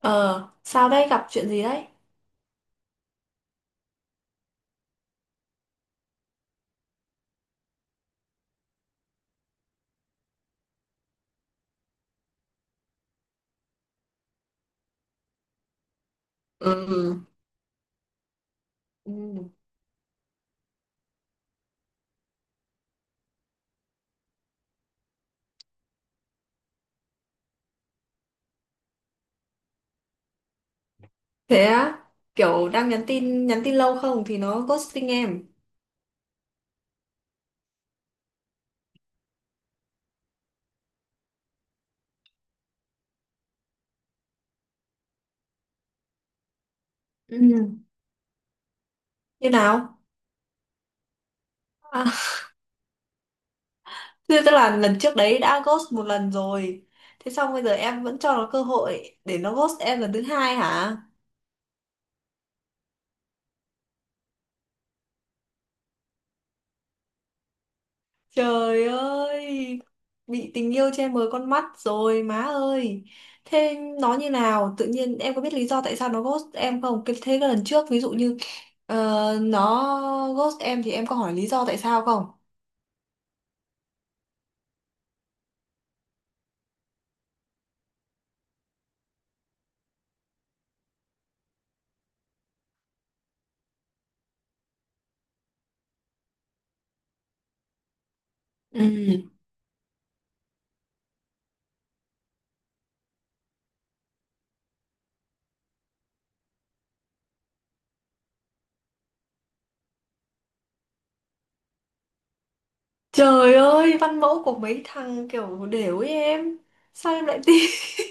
Ờ, sao đấy, gặp chuyện gì đấy? Ừ. Ừ. Thế á, kiểu đang nhắn tin lâu không thì nó ghosting em. Ừ. Như nào? À, thế tức là lần trước đấy đã ghost một lần rồi. Thế xong bây giờ em vẫn cho nó cơ hội để nó ghost em lần thứ hai hả? Trời ơi, bị tình yêu che mờ con mắt rồi má ơi. Thế nó như nào? Tự nhiên em có biết lý do tại sao nó ghost em không? Cái- thế cái lần trước ví dụ như nó ghost em thì em có hỏi lý do tại sao không? Ừ. Trời ơi, văn mẫu của mấy thằng kiểu đều ấy em. Sao em lại tin?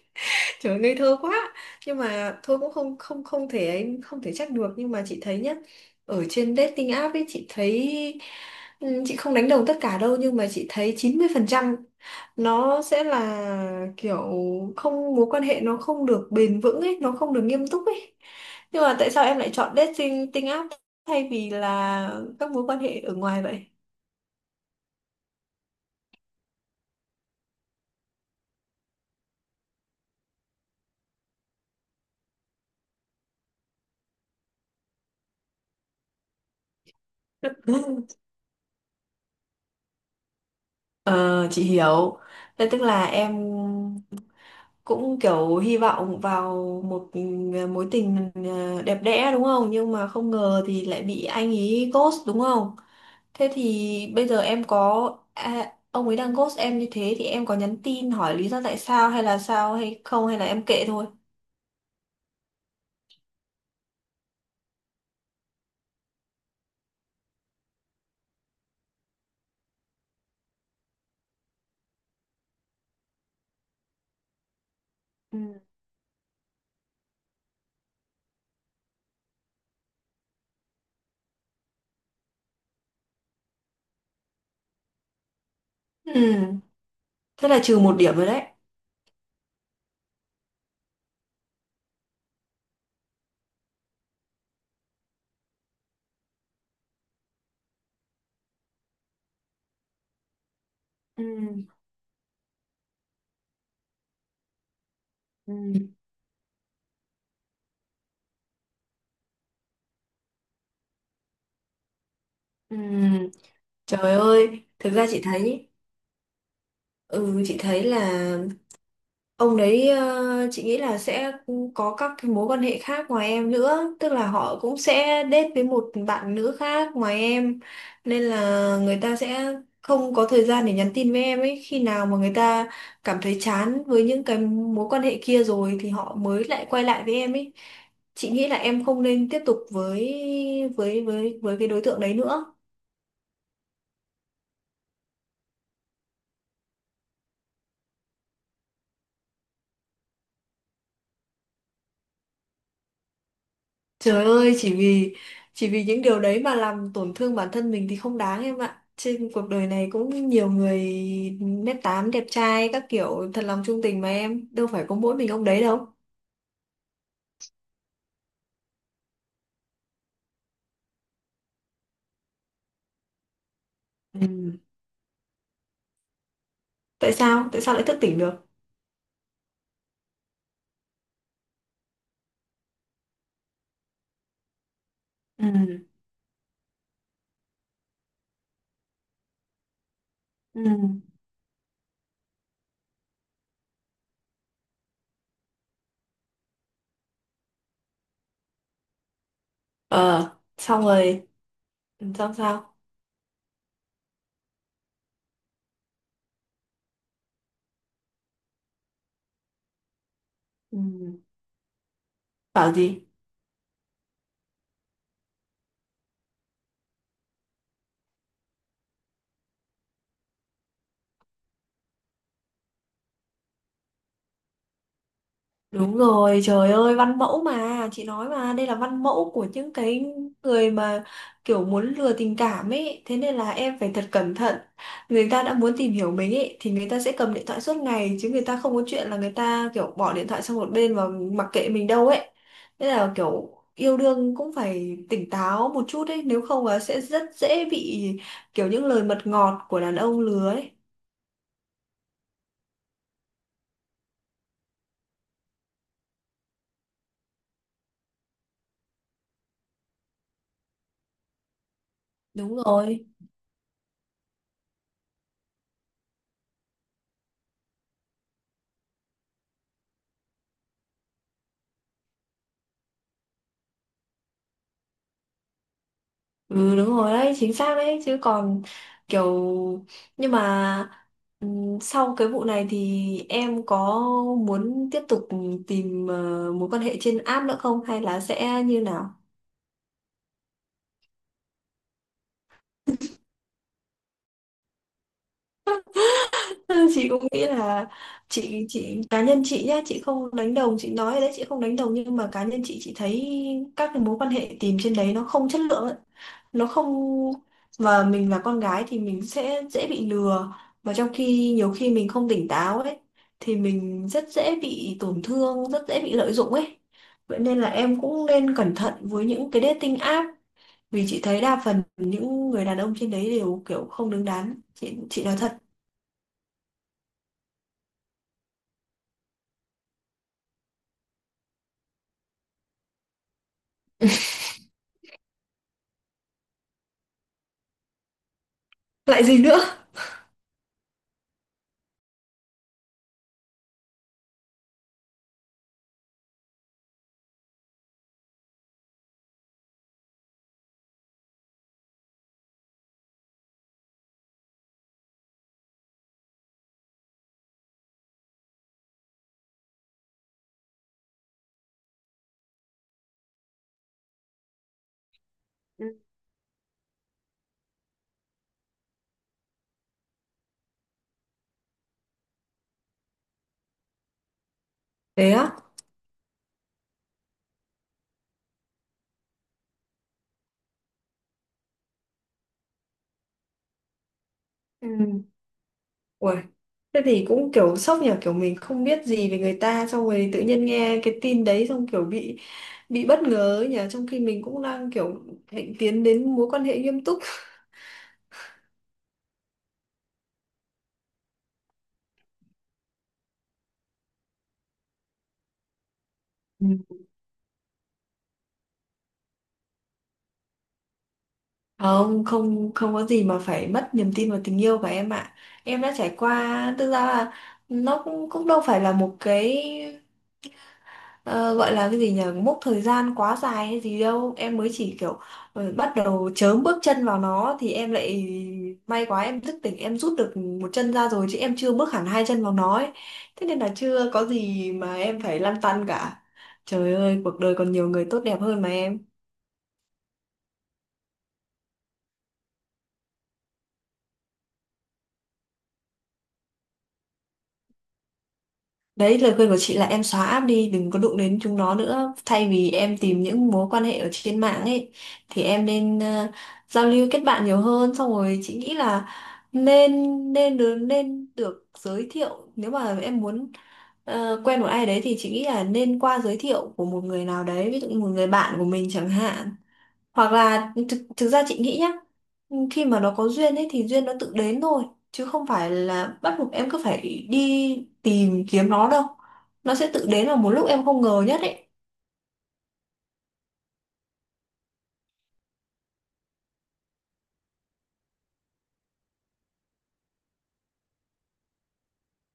Trời ơi, ngây thơ quá. Nhưng mà thôi cũng không không không thể ấy, không thể trách được nhưng mà chị thấy nhá, ở trên dating app ấy chị thấy chị không đánh đồng tất cả đâu nhưng mà chị thấy 90% nó sẽ là kiểu không, mối quan hệ nó không được bền vững ấy, nó không được nghiêm túc ấy. Nhưng mà tại sao em lại chọn dating dating app thay vì là các mối quan hệ ở ngoài vậy? Ờ, chị hiểu. Thế tức là em cũng kiểu hy vọng vào một mối tình đẹp đẽ đúng không? Nhưng mà không ngờ thì lại bị anh ý ghost đúng không? Thế thì bây giờ em có à, ông ấy đang ghost em như thế thì em có nhắn tin hỏi lý do tại sao hay là sao hay không hay là em kệ thôi. Ừ. Ừ, thế là trừ một điểm rồi đấy. Ừ. Ừ. Ừ, trời ơi, thực ra chị thấy, ừ chị thấy là ông đấy, chị nghĩ là sẽ có các cái mối quan hệ khác ngoài em nữa, tức là họ cũng sẽ date với một bạn nữ khác ngoài em nên là người ta sẽ không có thời gian để nhắn tin với em ấy, khi nào mà người ta cảm thấy chán với những cái mối quan hệ kia rồi thì họ mới lại quay lại với em ấy. Chị nghĩ là em không nên tiếp tục với với cái đối tượng đấy nữa. Trời ơi, chỉ vì những điều đấy mà làm tổn thương bản thân mình thì không đáng em ạ. Trên cuộc đời này cũng nhiều người nết tám đẹp trai các kiểu thật lòng trung tình mà em, đâu phải có mỗi mình ông đấy đâu. Ừ. Tại sao? Tại sao lại thức tỉnh được? Ừ. Ừ. Ờ, xong rồi, xong sao? Ừ. Bảo gì? Đúng rồi, trời ơi, văn mẫu mà, chị nói mà, đây là văn mẫu của những cái người mà kiểu muốn lừa tình cảm ấy, thế nên là em phải thật cẩn thận. Người ta đã muốn tìm hiểu mình ấy, thì người ta sẽ cầm điện thoại suốt ngày, chứ người ta không có chuyện là người ta kiểu bỏ điện thoại sang một bên và mặc kệ mình đâu ấy. Thế là kiểu yêu đương cũng phải tỉnh táo một chút ấy, nếu không là sẽ rất dễ bị kiểu những lời mật ngọt của đàn ông lừa ấy. Đúng rồi. Ừ đúng rồi đấy, chính xác đấy chứ còn kiểu, nhưng mà sau cái vụ này thì em có muốn tiếp tục tìm mối quan hệ trên app nữa không hay là sẽ như nào? Chị cũng nghĩ là chị cá nhân chị nhá, chị không đánh đồng, chị nói rồi đấy, chị không đánh đồng, nhưng mà cá nhân chị thấy các cái mối quan hệ tìm trên đấy nó không chất lượng ấy. Nó không, mà mình là con gái thì mình sẽ dễ bị lừa, và trong khi nhiều khi mình không tỉnh táo ấy thì mình rất dễ bị tổn thương, rất dễ bị lợi dụng ấy. Vậy nên là em cũng nên cẩn thận với những cái dating app, vì chị thấy đa phần những người đàn ông trên đấy đều kiểu không đứng đắn, chị nói thật. Lại gì nữa? Ừ, thế á. Ừ, uầy, thế thì cũng kiểu sốc nhỉ, kiểu mình không biết gì về người ta xong rồi tự nhiên nghe cái tin đấy xong kiểu bị bất ngờ ấy nhỉ, trong khi mình cũng đang kiểu hạnh tiến đến mối quan hệ nghiêm túc. Ừ. Không, không không có gì mà phải mất niềm tin vào tình yêu của em ạ. Em đã trải qua thực ra là nó cũng cũng đâu phải là một cái ờ, gọi là cái gì nhỉ, mốc thời gian quá dài hay gì đâu, em mới chỉ kiểu bắt đầu chớm bước chân vào nó thì em lại may quá em thức tỉnh, em rút được một chân ra rồi chứ em chưa bước hẳn hai chân vào nó ấy. Thế nên là chưa có gì mà em phải lăn tăn cả. Trời ơi, cuộc đời còn nhiều người tốt đẹp hơn mà em. Đấy, lời khuyên của chị là em xóa app đi, đừng có đụng đến chúng nó nữa. Thay vì em tìm những mối quan hệ ở trên mạng ấy, thì em nên giao lưu kết bạn nhiều hơn. Xong rồi chị nghĩ là nên nên được giới thiệu. Nếu mà em muốn quen một ai đấy thì chị nghĩ là nên qua giới thiệu của một người nào đấy, ví dụ như một người bạn của mình chẳng hạn, hoặc là thực ra chị nghĩ nhá, khi mà nó có duyên ấy thì duyên nó tự đến thôi, chứ không phải là bắt buộc em cứ phải đi tìm kiếm nó đâu, nó sẽ tự đến vào một lúc em không ngờ nhất ấy.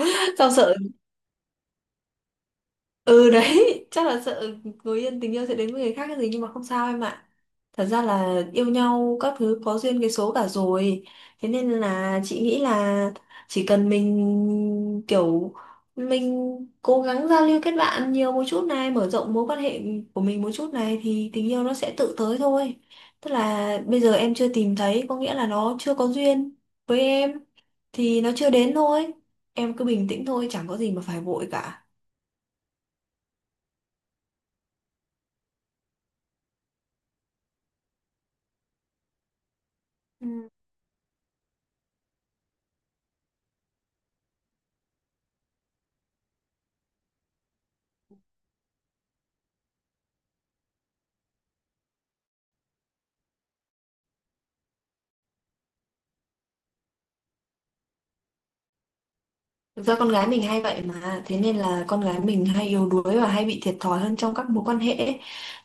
Sao sợ, ừ đấy, chắc là sợ người yêu, tình yêu sẽ đến với người khác cái gì, nhưng mà không sao em ạ. Thật ra là yêu nhau các thứ có duyên cái số cả rồi. Thế nên là chị nghĩ là chỉ cần mình kiểu mình cố gắng giao lưu kết bạn nhiều một chút này, mở rộng mối quan hệ của mình một chút này thì tình yêu nó sẽ tự tới thôi. Tức là bây giờ em chưa tìm thấy có nghĩa là nó chưa có duyên với em thì nó chưa đến thôi. Em cứ bình tĩnh thôi, chẳng có gì mà phải vội cả. Ừ. Thực ra con gái mình hay vậy mà. Thế nên là con gái mình hay yếu đuối và hay bị thiệt thòi hơn trong các mối quan hệ ấy.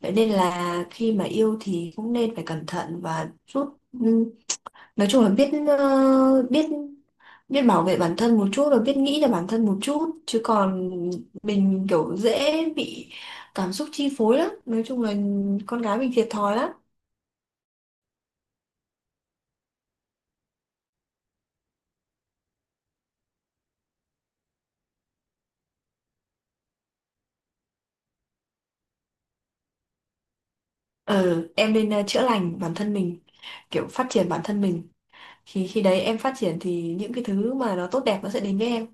Vậy nên là khi mà yêu thì cũng nên phải cẩn thận và chút ừm, nói chung là biết biết biết bảo vệ bản thân một chút và biết nghĩ cho bản thân một chút. Chứ còn mình kiểu dễ bị cảm xúc chi phối lắm. Nói chung là con gái mình thiệt thòi lắm. Ừ, em nên chữa lành bản thân mình, kiểu phát triển bản thân mình, thì khi đấy em phát triển thì những cái thứ mà nó tốt đẹp nó sẽ đến với em.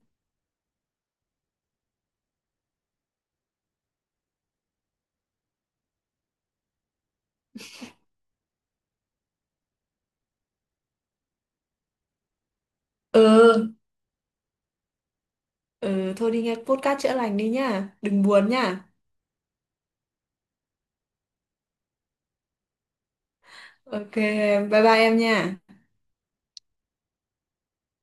Ừ, ừ thôi đi nghe podcast chữa lành đi nhá, đừng buồn nhá. Ok em, bye bye em nha.